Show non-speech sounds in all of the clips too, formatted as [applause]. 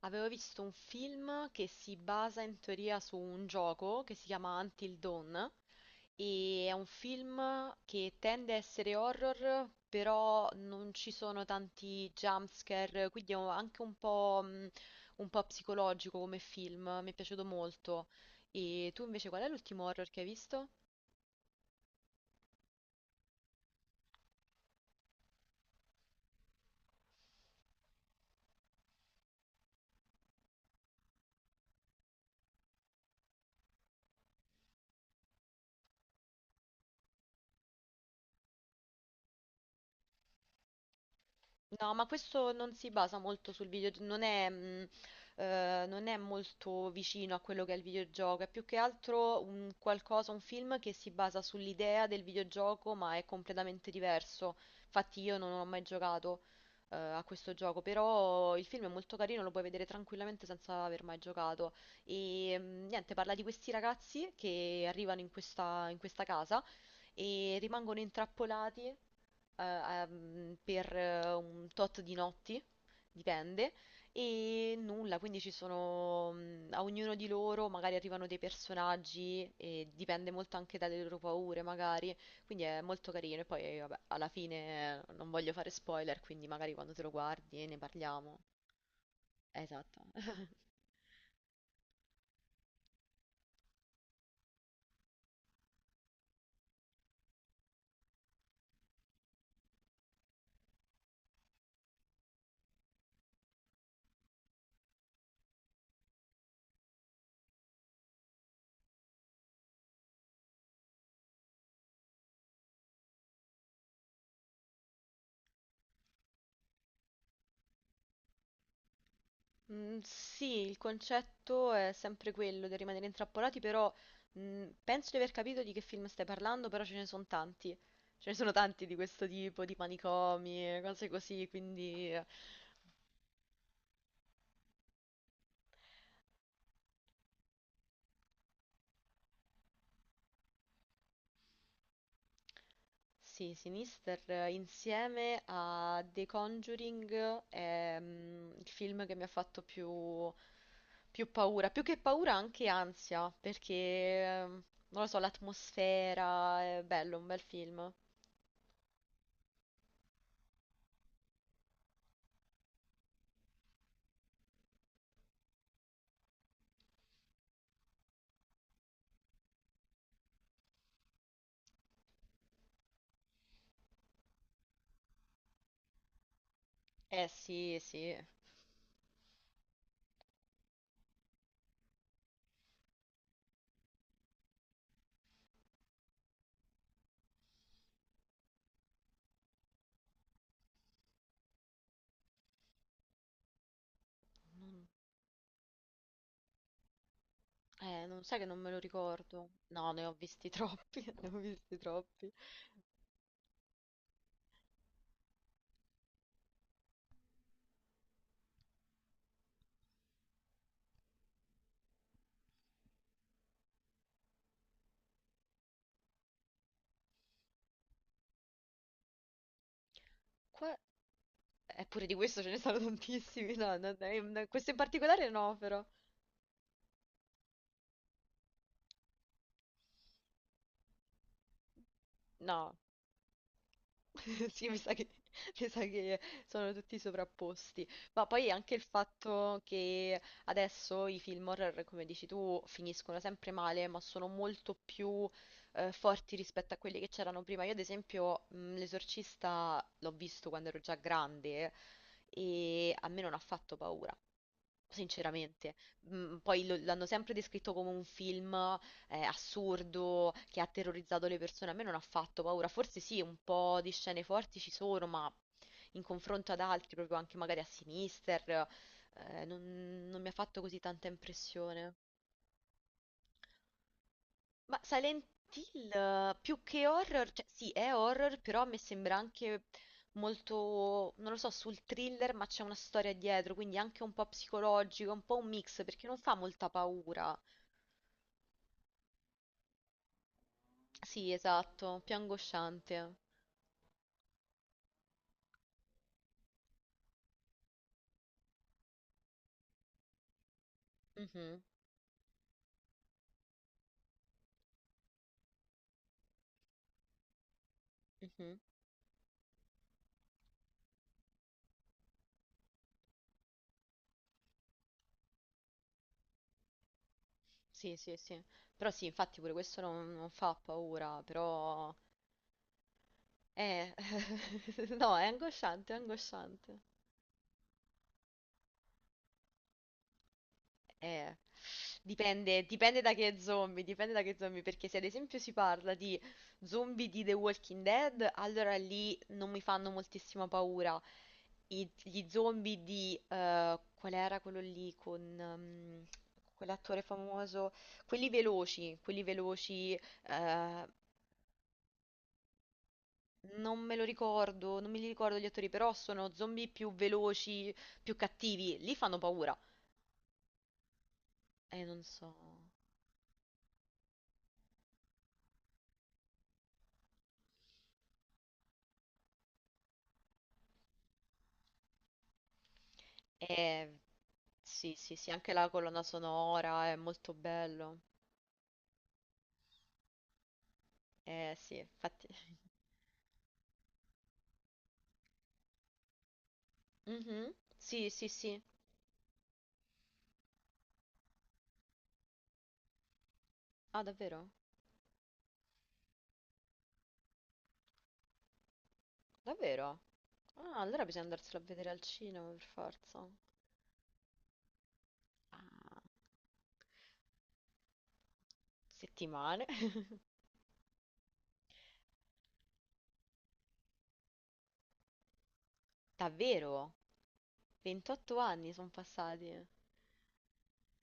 Avevo visto un film che si basa in teoria su un gioco che si chiama Until Dawn e è un film che tende a essere horror, però non ci sono tanti jumpscare, quindi è anche un po' psicologico come film, mi è piaciuto molto. E tu invece qual è l'ultimo horror che hai visto? No, ma questo non si basa molto sul videogioco, non è molto vicino a quello che è il videogioco, è più che altro un qualcosa, un film che si basa sull'idea del videogioco, ma è completamente diverso. Infatti io non ho mai giocato, a questo gioco, però il film è molto carino, lo puoi vedere tranquillamente senza aver mai giocato. E niente, parla di questi ragazzi che arrivano in questa casa e rimangono intrappolati per un tot di notti, dipende, e nulla, quindi ci sono, a ognuno di loro magari arrivano dei personaggi e dipende molto anche dalle loro paure, magari, quindi è molto carino e poi vabbè, alla fine non voglio fare spoiler, quindi magari quando te lo guardi ne parliamo. Esatto. [laughs] Mm, sì, il concetto è sempre quello di rimanere intrappolati, però penso di aver capito di che film stai parlando, però ce ne sono tanti. Ce ne sono tanti di questo tipo, di manicomi, cose così, quindi sì, Sinister insieme a The Conjuring è il film che mi ha fatto più paura, più che paura anche ansia, perché non lo so, l'atmosfera è bello, un bel film. Eh sì, sì. Non sai che non me lo ricordo. No, ne ho visti troppi, [laughs] ne ho visti troppi. Qua... Eppure di questo ce ne sono tantissimi, no, no, no, no, questo in particolare no, però. No. [laughs] Sì, mi sa che sono tutti sovrapposti. Ma poi anche il fatto che adesso i film horror, come dici tu, finiscono sempre male, ma sono molto più forti rispetto a quelli che c'erano prima. Io, ad esempio, L'Esorcista l'ho visto quando ero già grande e a me non ha fatto paura. Sinceramente, Poi l'hanno sempre descritto come un film assurdo che ha terrorizzato le persone. A me non ha fatto paura. Forse sì, un po' di scene forti ci sono, ma in confronto ad altri, proprio anche magari a Sinister, non, non mi ha fatto così tanta impressione. Ma Silent Hill, più che horror, cioè sì, è horror, però a me sembra anche molto, non lo so, sul thriller, ma c'è una storia dietro, quindi anche un po' psicologico, un po' un mix, perché non fa molta paura. Sì, esatto, più angosciante. Mhm, mhm. Sì, sì, sì. Però sì, infatti pure questo non fa paura, però. Eh, [laughs] no, è angosciante, è angosciante. Eh, dipende da che zombie, dipende da che zombie, perché se ad esempio si parla di zombie di The Walking Dead, allora lì non mi fanno moltissima paura. Gli zombie di, qual era quello lì con, quell'attore famoso, quelli veloci, eh, non me lo ricordo, non me li ricordo gli attori, però sono zombie più veloci, più cattivi. Lì fanno paura. Non so. Eh, sì, sì, sì, anche la colonna sonora è molto bello. Sì, infatti. [laughs] Mhm. Sì, sì, sì. Ah, davvero? Davvero? Ah, allora bisogna andarselo a vedere al cinema, per forza. Ah, settimane. [laughs] Davvero? 28 anni sono passati.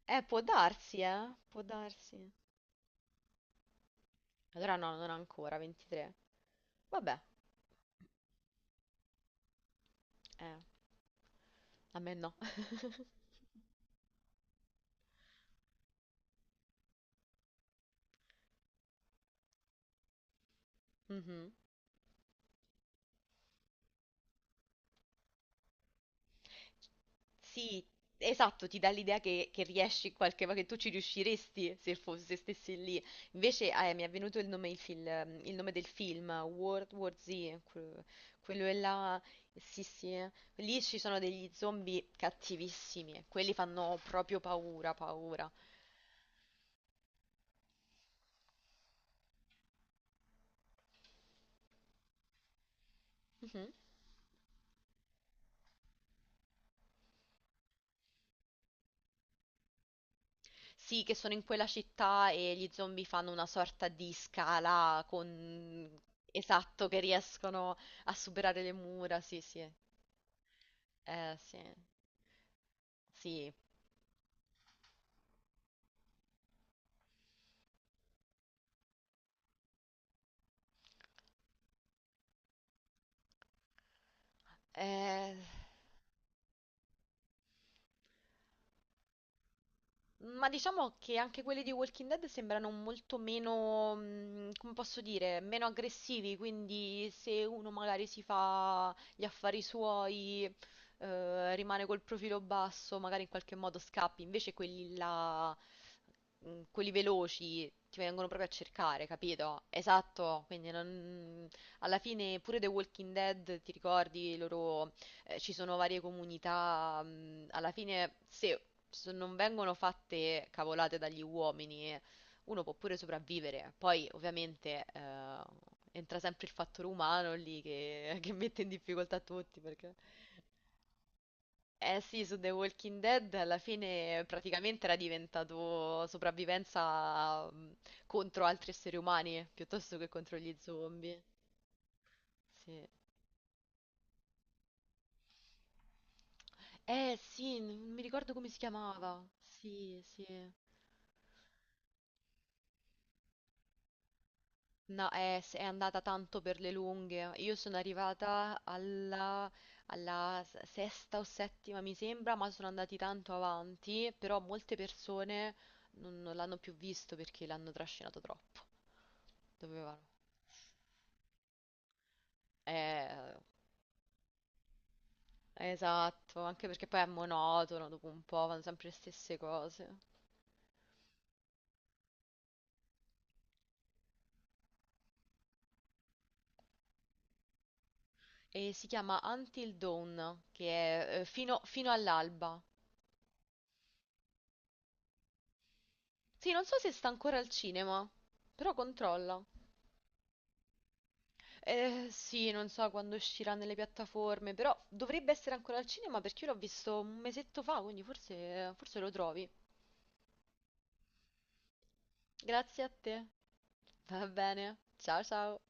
Può darsi, eh? Può darsi. Allora no, non ancora, 23. Vabbè, eh, a me no. [laughs] Mhm. Sì, esatto, ti dà l'idea che riesci in qualche modo, che tu ci riusciresti se stessi lì. Invece mi è venuto il nome del film, World War Z, que- quello è là, sì sì, eh. Lì ci sono degli zombie cattivissimi, quelli fanno proprio paura, paura. Sì, che sono in quella città e gli zombie fanno una sorta di scala con. Esatto, che riescono a superare le mura, sì, sì. Sì. Sì. Eh... Ma diciamo che anche quelli di Walking Dead sembrano molto meno, come posso dire, meno aggressivi, quindi se uno magari si fa gli affari suoi, rimane col profilo basso, magari in qualche modo scappi, invece quelli là, quelli veloci, ti vengono proprio a cercare, capito? Esatto, quindi. Alla fine pure The Walking Dead, ti ricordi i loro ci sono varie comunità, alla fine se non vengono fatte cavolate dagli uomini, uno può pure sopravvivere. Poi ovviamente entra sempre il fattore umano lì che, [laughs] che mette in difficoltà tutti perché. Eh sì, su The Walking Dead alla fine praticamente era diventato sopravvivenza contro altri esseri umani piuttosto che contro gli zombie. Sì. Eh sì, non mi ricordo come si chiamava. Sì, sì. No, è andata tanto per le lunghe. Io sono arrivata alla, alla sesta o settima, mi sembra, ma sono andati tanto avanti, però molte persone non l'hanno più visto perché l'hanno trascinato troppo. Dovevano. Eh, esatto, anche perché poi è monotono, dopo un po' vanno sempre le stesse cose. E si chiama Until Dawn, che è fino all'alba. Sì, non so se sta ancora al cinema, però controlla. Sì, non so quando uscirà nelle piattaforme, però dovrebbe essere ancora al cinema perché io l'ho visto un mesetto fa, quindi forse lo trovi. Grazie a te. Va bene. Ciao ciao.